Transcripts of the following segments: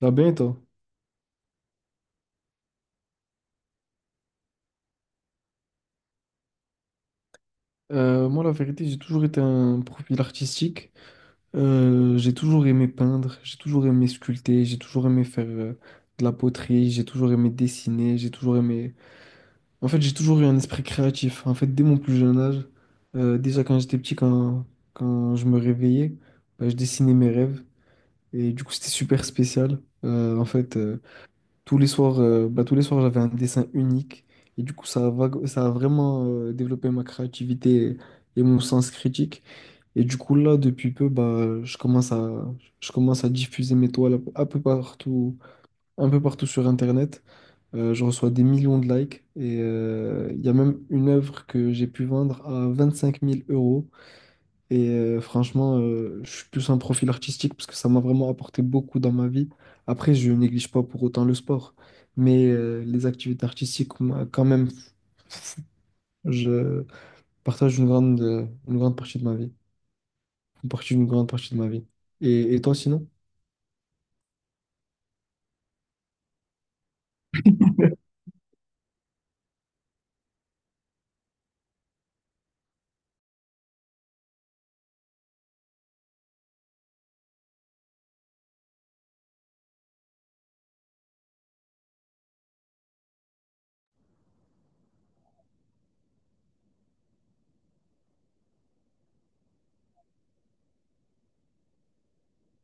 Ah ben, et toi? Moi, la vérité, j'ai toujours été un profil artistique. J'ai toujours aimé peindre, j'ai toujours aimé sculpter, j'ai toujours aimé faire de la poterie, j'ai toujours aimé dessiner, j'ai toujours aimé. En fait, j'ai toujours eu un esprit créatif. En fait, dès mon plus jeune âge, déjà quand j'étais petit, quand je me réveillais, bah, je dessinais mes rêves. Et du coup, c'était super spécial. En fait, tous les soirs, bah, j'avais un dessin unique. Et du coup, ça a vraiment développé ma créativité et mon sens critique. Et du coup, là, depuis peu, bah, je commence à diffuser mes toiles un peu partout sur Internet. Je reçois des millions de likes. Il y a même une œuvre que j'ai pu vendre à 25 000 euros. Franchement, je suis plus un profil artistique parce que ça m'a vraiment apporté beaucoup dans ma vie. Après, je néglige pas pour autant le sport, mais les activités artistiques, moi, quand même, je partage une grande partie de ma vie. Une grande partie de ma vie. Et toi, sinon?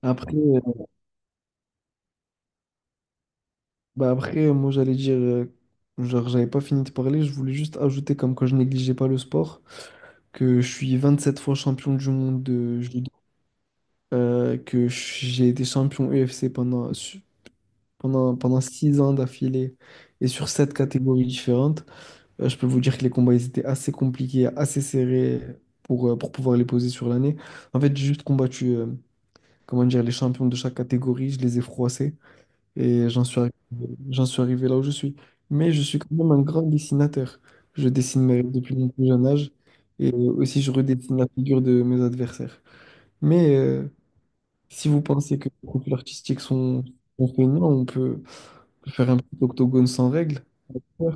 Après, euh, après moi, j'allais dire, genre, j'avais pas fini de parler, je voulais juste ajouter, comme quand je négligeais pas le sport, que je suis 27 fois champion du monde de judo, que j'ai été champion UFC pendant 6 ans d'affilée et sur sept catégories différentes, je peux vous dire que les combats ils étaient assez compliqués, assez serrés pour pouvoir les poser sur l'année. En fait, j'ai juste combattu comment dire, les champions de chaque catégorie, je les ai froissés et j'en suis arrivé là où je suis. Mais je suis quand même un grand dessinateur. Je dessine mes rêves depuis mon plus jeune âge et aussi je redessine la figure de mes adversaires. Mais si vous pensez que les couples artistiques sont feignants, on peut faire un petit octogone sans règles. Ouais.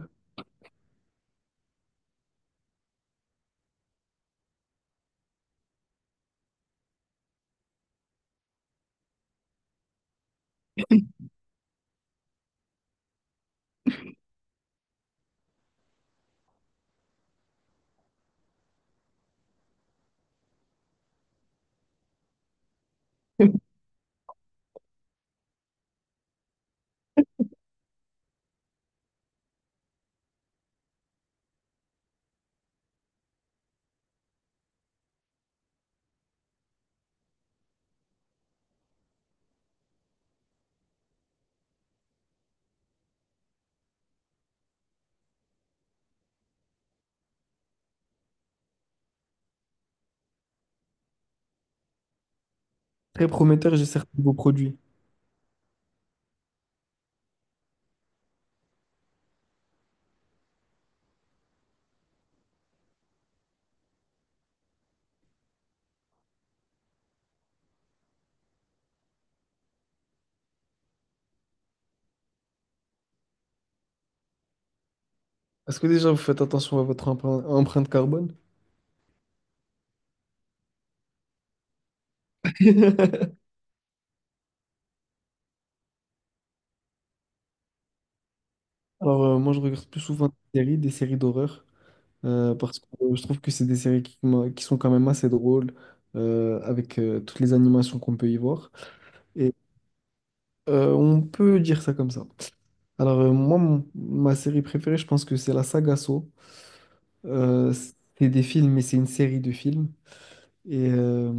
Très prometteur, j'ai certains de vos produits. Est-ce que déjà vous faites attention à votre empreinte carbone? Moi, je regarde plus souvent des séries d'horreur, parce que je trouve que c'est des séries qui sont quand même assez drôles, avec toutes les animations qu'on peut y voir. Et on peut dire ça comme ça. Moi, ma série préférée, je pense que c'est la saga Saw. Euh, c'est des films, mais c'est une série de films. Et, euh,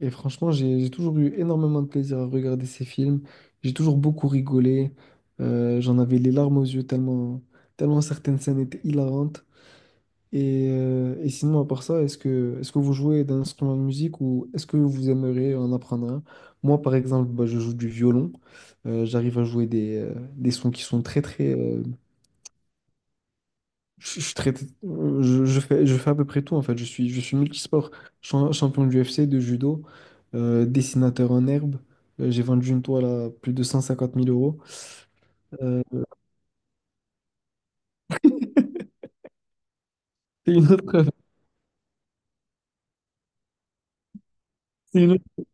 et franchement, j'ai toujours eu énormément de plaisir à regarder ces films. J'ai toujours beaucoup rigolé. J'en avais les larmes aux yeux tellement, tellement certaines scènes étaient hilarantes. Et sinon, à part ça, est-ce que vous jouez d'un instrument de musique ou est-ce que vous aimeriez en apprendre un? Moi, par exemple, bah, je joue du violon. J'arrive à jouer des sons qui sont très, très. Je traite- je fais à peu près tout en fait. Je suis multisport, champion du UFC, de judo, dessinateur en herbe. J'ai vendu une toile à plus de 150 000 euros. Euh, c'est une autre, c'est une autre-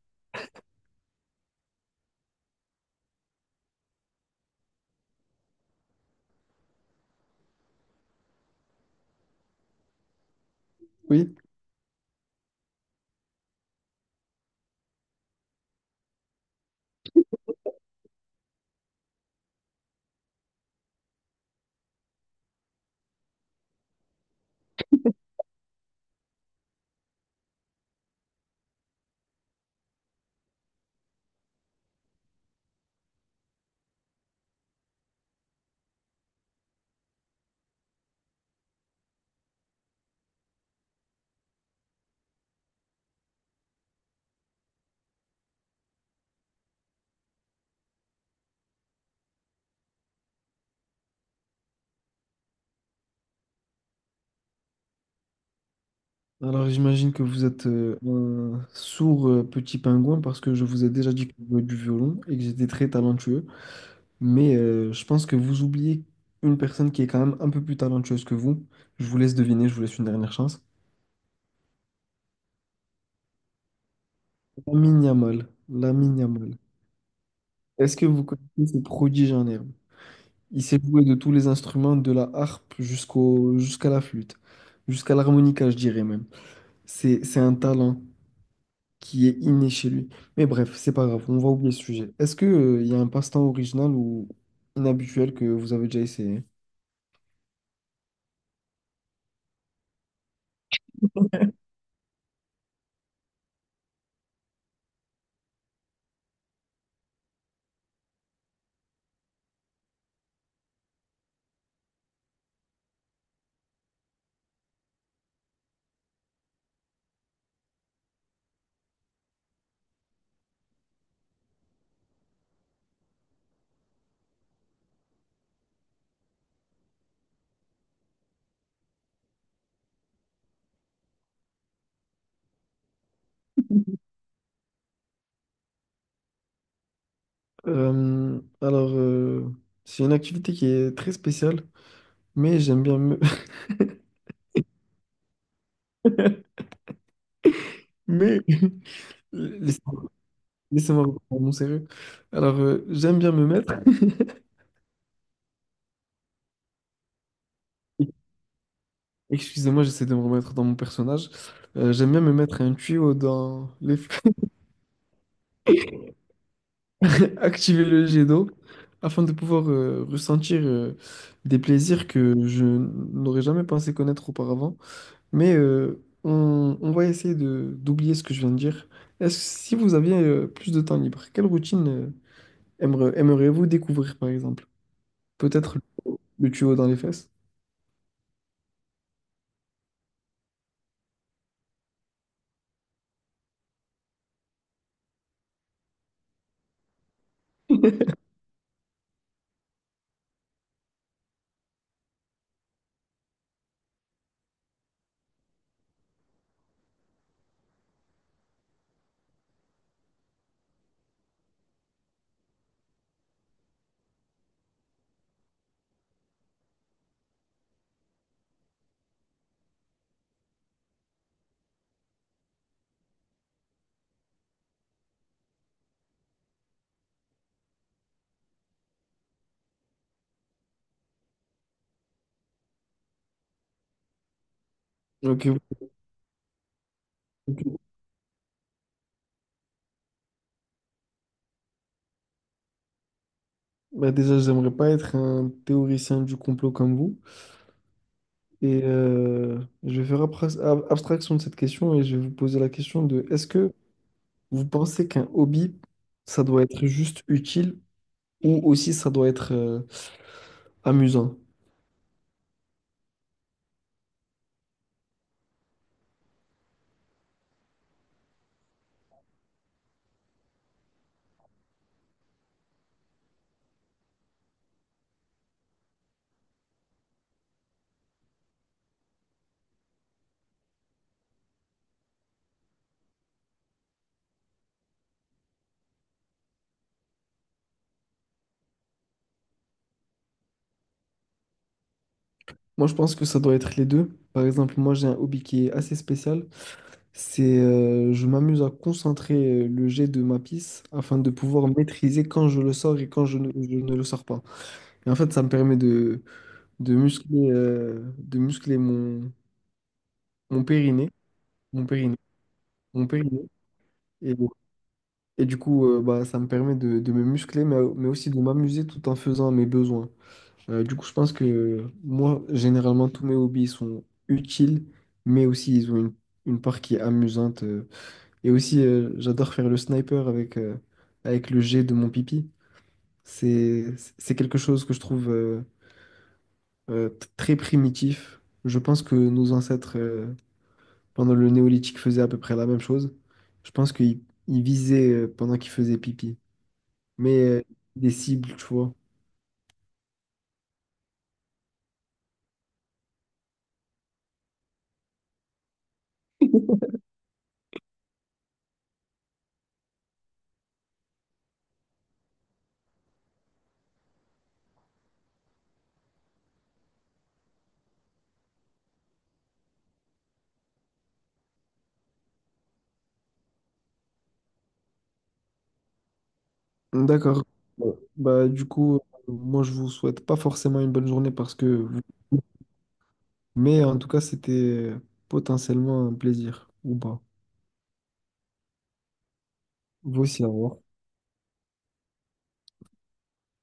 oui. Alors j'imagine que vous êtes un sourd petit pingouin parce que je vous ai déjà dit que je jouais du violon et que j'étais très talentueux. Mais je pense que vous oubliez une personne qui est quand même un peu plus talentueuse que vous. Je vous laisse deviner, je vous laisse une dernière chance. Lamine Yamal. Lamine Yamal. Est-ce que vous connaissez ce prodige en herbe? Il s'est joué de tous les instruments, de la harpe jusqu'à la flûte, jusqu'à l'harmonica, je dirais même. C'est un talent qui est inné chez lui. Mais bref, c'est pas grave, on va oublier ce sujet. Est-ce que, il y a un passe-temps original ou inhabituel que vous avez déjà essayé? Euh, alors, euh, c'est une activité qui est très spéciale, mais j'aime bien me. Mais, laisse- Laissez-moi reprendre mon sérieux. J'aime bien me mettre. Excusez-moi, j'essaie de me remettre dans mon personnage. J'aime bien me mettre un tuyau dans les. Activer le jet d'eau afin de pouvoir ressentir des plaisirs que je n'aurais jamais pensé connaître auparavant. On va essayer de d'oublier ce que je viens de dire. Est-ce si vous aviez plus de temps libre, quelle routine aimeriez-vous découvrir par exemple? Peut-être le tuyau dans les fesses? Ok. Ok. Bah déjà, j'aimerais pas être un théoricien du complot comme vous. Et je vais faire abstraction de cette question et je vais vous poser la question de est-ce que vous pensez qu'un hobby, ça doit être juste utile ou aussi ça doit être amusant? Moi, je pense que ça doit être les deux. Par exemple, moi, j'ai un hobby qui est assez spécial. C'est je m'amuse à concentrer le jet de ma pisse afin de pouvoir maîtriser quand je le sors et quand je ne le sors pas. Et en fait, ça me permet de muscler mon périnée. Mon périnée. Mon périnée. Et du coup, bah, ça me permet de me muscler, mais aussi de m'amuser tout en faisant mes besoins. Du coup, je pense que moi, généralement, tous mes hobbies sont utiles, mais aussi ils ont une part qui est amusante. Et aussi, j'adore faire le sniper avec le jet de mon pipi. C'est quelque chose que je trouve très primitif. Je pense que nos ancêtres, pendant le néolithique, faisaient à peu près la même chose. Je pense qu'ils ils visaient pendant qu'ils faisaient pipi. Mais des cibles, tu vois. D'accord. Ouais. Bah, du coup, moi, je vous souhaite pas forcément une bonne journée parce que. Mais en tout cas, c'était euh, potentiellement un plaisir, ou pas. Vous aussi, au revoir.